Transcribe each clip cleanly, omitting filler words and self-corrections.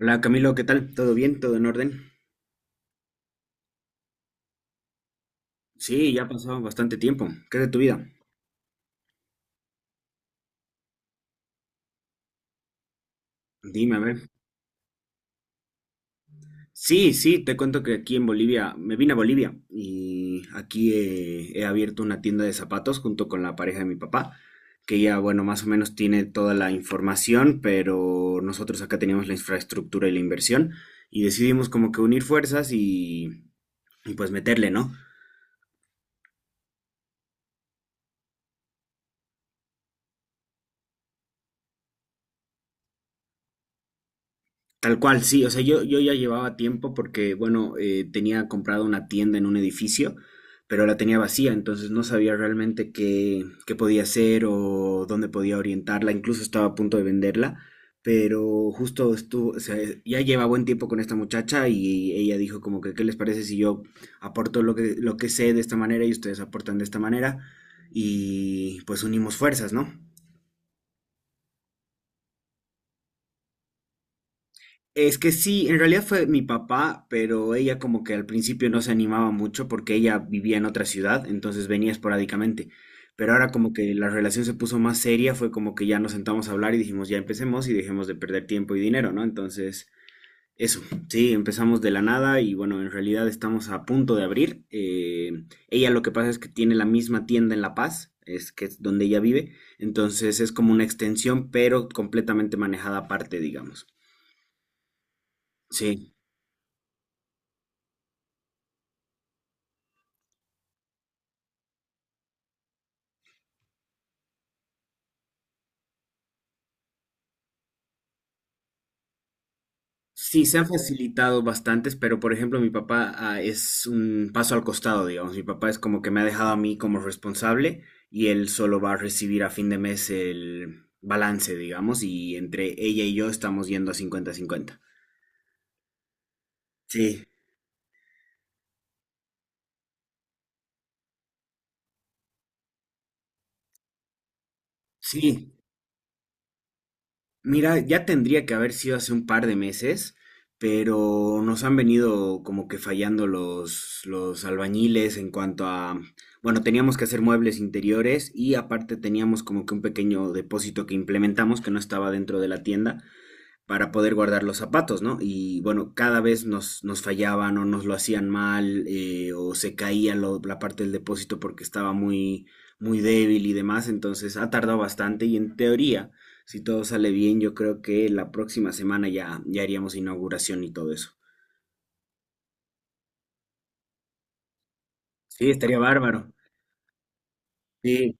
Hola Camilo, ¿qué tal? ¿Todo bien? ¿Todo en orden? Sí, ya ha pasado bastante tiempo. ¿Qué es de tu vida? Dime, a ver. Sí, sí, te cuento que aquí en Bolivia, me vine a Bolivia y aquí he abierto una tienda de zapatos junto con la pareja de mi papá, que ya, bueno, más o menos tiene toda la información, pero nosotros acá teníamos la infraestructura y la inversión y decidimos como que unir fuerzas y pues meterle, ¿no? Tal cual, sí, o sea, yo ya llevaba tiempo porque, bueno, tenía comprado una tienda en un edificio, pero la tenía vacía, entonces no sabía realmente qué podía hacer o dónde podía orientarla, incluso estaba a punto de venderla, pero justo estuvo, o sea, ya lleva buen tiempo con esta muchacha y ella dijo como que, ¿qué les parece si yo aporto lo que sé de esta manera y ustedes aportan de esta manera? Y pues unimos fuerzas, ¿no? Es que sí, en realidad fue mi papá, pero ella como que al principio no se animaba mucho porque ella vivía en otra ciudad, entonces venía esporádicamente. Pero ahora como que la relación se puso más seria, fue como que ya nos sentamos a hablar y dijimos ya empecemos y dejemos de perder tiempo y dinero, ¿no? Entonces, eso, sí, empezamos de la nada y bueno, en realidad estamos a punto de abrir. Ella lo que pasa es que tiene la misma tienda en La Paz, es que es donde ella vive, entonces es como una extensión, pero completamente manejada aparte, digamos. Sí. Sí, se han facilitado bastantes, pero por ejemplo, mi papá es un paso al costado, digamos. Mi papá es como que me ha dejado a mí como responsable y él solo va a recibir a fin de mes el balance, digamos, y entre ella y yo estamos yendo a cincuenta-cincuenta. Sí, sí. Mira, ya tendría que haber sido hace un par de meses, pero nos han venido como que fallando los albañiles en cuanto a, bueno, teníamos que hacer muebles interiores y aparte teníamos como que un pequeño depósito que implementamos que no estaba dentro de la tienda para poder guardar los zapatos, ¿no? Y bueno, cada vez nos fallaban o nos lo hacían mal o se caía la parte del depósito porque estaba muy débil y demás, entonces ha tardado bastante y en teoría, si todo sale bien, yo creo que la próxima semana ya, ya haríamos inauguración y todo eso. Sí, estaría bárbaro. Sí,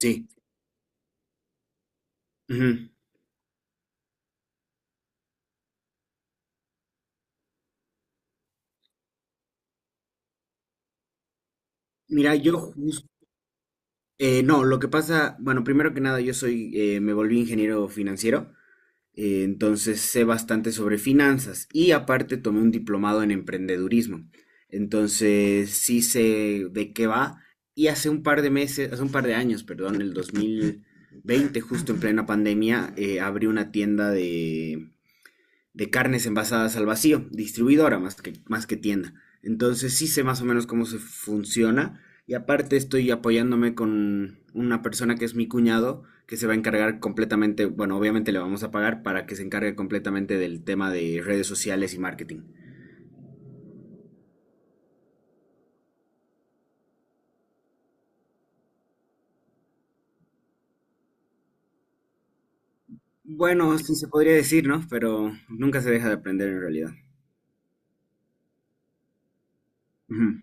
sí. Ujú. Mira, yo jus- no, lo que pasa, bueno, primero que nada, yo soy, me volví ingeniero financiero. Entonces sé bastante sobre finanzas y aparte tomé un diplomado en emprendedurismo. Entonces sí sé de qué va y hace un par de meses, hace un par de años, perdón, el 2020, justo en plena pandemia, abrí una tienda de carnes envasadas al vacío, distribuidora más que tienda. Entonces sí sé más o menos cómo se funciona y aparte estoy apoyándome con una persona que es mi cuñado que se va a encargar completamente, bueno, obviamente le vamos a pagar para que se encargue completamente del tema de redes sociales y marketing. Bueno, sí se podría decir, ¿no? Pero nunca se deja de aprender en realidad. Ujú.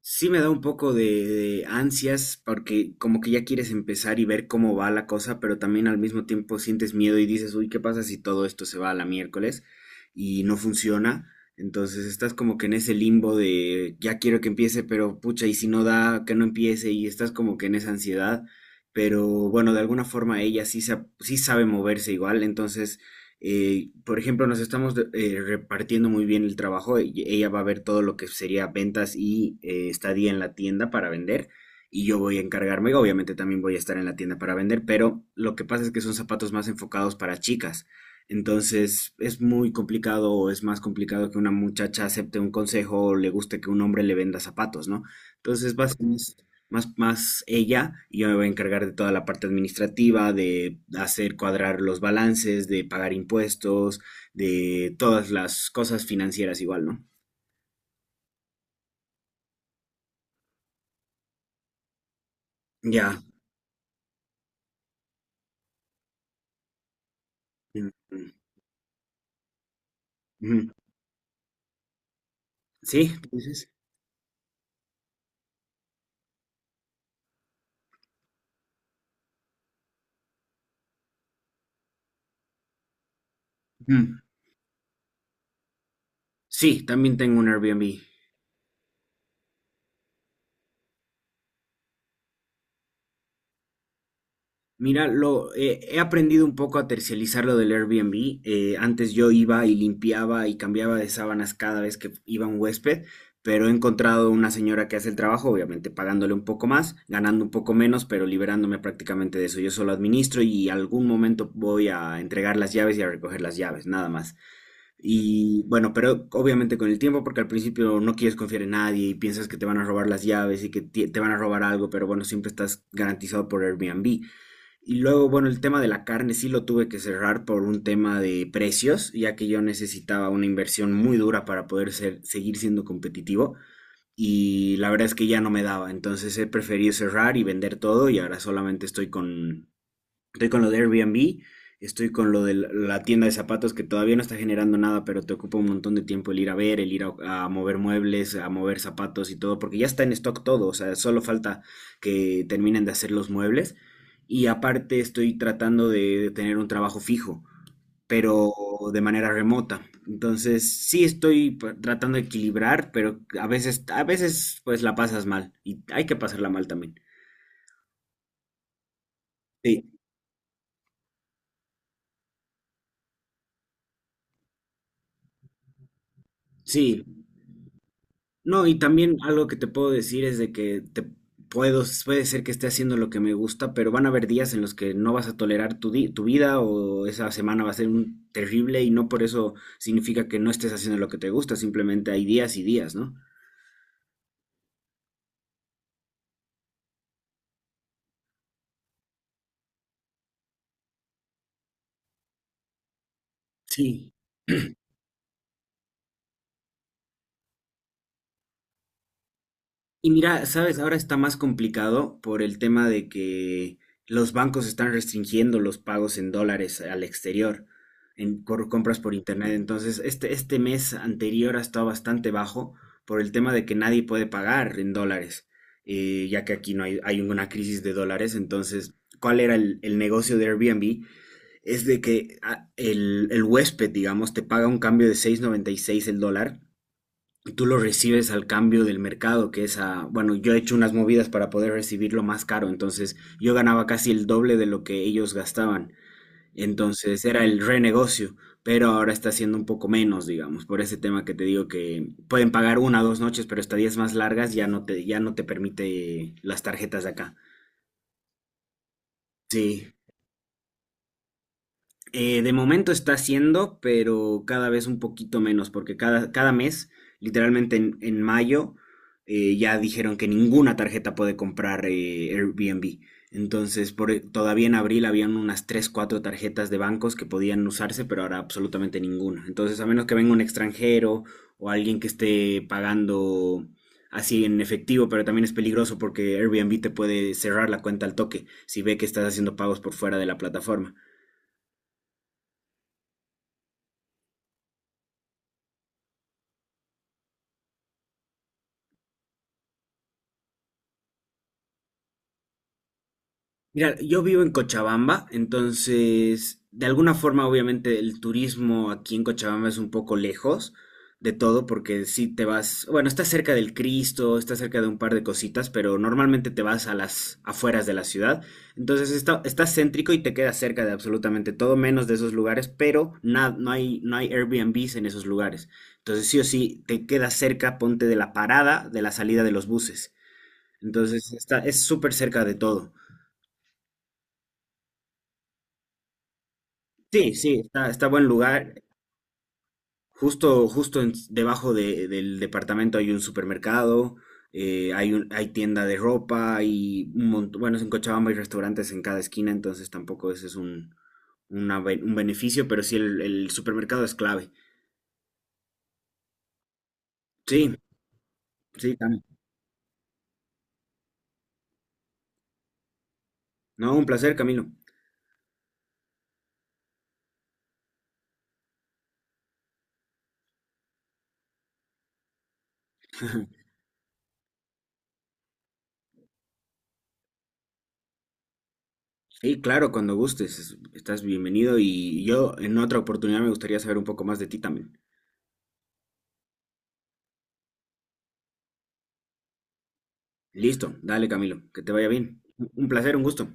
Sí me da un poco de ansias porque como que ya quieres empezar y ver cómo va la cosa, pero también al mismo tiempo sientes miedo y dices, uy, ¿qué pasa si todo esto se va a la miércoles y no funciona? Entonces estás como que en ese limbo de ya quiero que empiece, pero pucha, y si no da, que no empiece y estás como que en esa ansiedad, pero bueno, de alguna forma ella sí, sí sabe moverse igual, entonces por ejemplo, nos estamos repartiendo muy bien el trabajo. Ella va a ver todo lo que sería ventas y estadía en la tienda para vender. Y yo voy a encargarme, obviamente también voy a estar en la tienda para vender, pero lo que pasa es que son zapatos más enfocados para chicas. Entonces es muy complicado o es más complicado que una muchacha acepte un consejo o le guste que un hombre le venda zapatos, ¿no? Entonces va a ser más ella, y yo me voy a encargar de toda la parte administrativa, de hacer cuadrar los balances, de pagar impuestos, de todas las cosas financieras igual, ¿no? Ya. Mm, mm, mm. ¿Sí? ¿Tú dices? Mm. Sí, también tengo un Airbnb. He aprendido un poco a tercializar lo del Airbnb. Antes yo iba y limpiaba y cambiaba de sábanas cada vez que iba un huésped, pero he encontrado una señora que hace el trabajo, obviamente pagándole un poco más, ganando un poco menos, pero liberándome prácticamente de eso. Yo solo administro y algún momento voy a entregar las llaves y a recoger las llaves, nada más. Y bueno, pero obviamente con el tiempo, porque al principio no quieres confiar en nadie y piensas que te van a robar las llaves y que te van a robar algo, pero bueno, siempre estás garantizado por Airbnb. Y luego, bueno, el tema de la carne sí lo tuve que cerrar por un tema de precios, ya que yo necesitaba una inversión muy dura para poder seguir siendo competitivo. Y la verdad es que ya no me daba, entonces he preferido cerrar y vender todo y ahora solamente estoy con. Estoy con lo de Airbnb, estoy con lo de la la tienda de zapatos que todavía no está generando nada, pero te ocupa un montón de tiempo el ir a ver, el ir a mover muebles, a mover zapatos y todo, porque ya está en stock todo, o sea, solo falta que terminen de hacer los muebles. Y aparte estoy tratando de tener un trabajo fijo, pero de manera remota. Entonces, sí estoy tratando de equilibrar, pero a veces pues la pasas mal y hay que pasarla mal también. Sí, sí. No, y también algo que te puedo decir es de que puede ser que esté haciendo lo que me gusta, pero van a haber días en los que no vas a tolerar tu, tu vida o esa semana va a ser un terrible y no por eso significa que no estés haciendo lo que te gusta, simplemente hay días y días, ¿no? Sí. Y mira, sabes, ahora está más complicado por el tema de que los bancos están restringiendo los pagos en dólares al exterior, en por compras por internet. Entonces, este mes anterior ha estado bastante bajo por el tema de que nadie puede pagar en dólares, ya que aquí no hay, hay una crisis de dólares. Entonces, ¿cuál era el negocio de Airbnb? Es de que el huésped, digamos, te paga un cambio de seis noventa y seis el dólar, tú lo recibes al cambio del mercado, que es a, bueno, yo he hecho unas movidas para poder recibirlo más caro, entonces yo ganaba casi el doble de lo que ellos gastaban, entonces era el renegocio, pero ahora está siendo un poco menos, digamos, por ese tema que te digo que pueden pagar una o dos noches, pero estadías más largas ya no te permite las tarjetas de acá. Sí. De momento está haciendo, pero cada vez un poquito menos, porque cada, cada mes, literalmente en mayo, ya dijeron que ninguna tarjeta puede comprar Airbnb. Entonces, todavía en abril habían unas 3 4 tarjetas de bancos que podían usarse, pero ahora absolutamente ninguna. Entonces, a menos que venga un extranjero o alguien que esté pagando así en efectivo, pero también es peligroso porque Airbnb te puede cerrar la cuenta al toque si ve que estás haciendo pagos por fuera de la plataforma. Mira, yo vivo en Cochabamba, entonces de alguna forma obviamente el turismo aquí en Cochabamba es un poco lejos de todo porque si te vas, bueno, está cerca del Cristo, está cerca de un par de cositas, pero normalmente te vas a las afueras de la ciudad, entonces está, está céntrico y te queda cerca de absolutamente todo menos de esos lugares, pero no hay Airbnbs en esos lugares, entonces sí o sí te queda cerca, ponte de la parada, de la salida de los buses, entonces está, es súper cerca de todo. Sí, sí, está, está buen lugar. Justo, justo debajo del departamento hay un supermercado, hay un, hay tienda de ropa, hay un montón, bueno, en Cochabamba hay restaurantes en cada esquina, entonces tampoco ese es un, un beneficio, pero sí el supermercado es clave. Sí, sí, Cami. No, un placer, Camilo. Sí, claro, cuando gustes, estás bienvenido y yo en otra oportunidad me gustaría saber un poco más de ti también. Listo, dale, Camilo, que te vaya bien. Un placer, un gusto.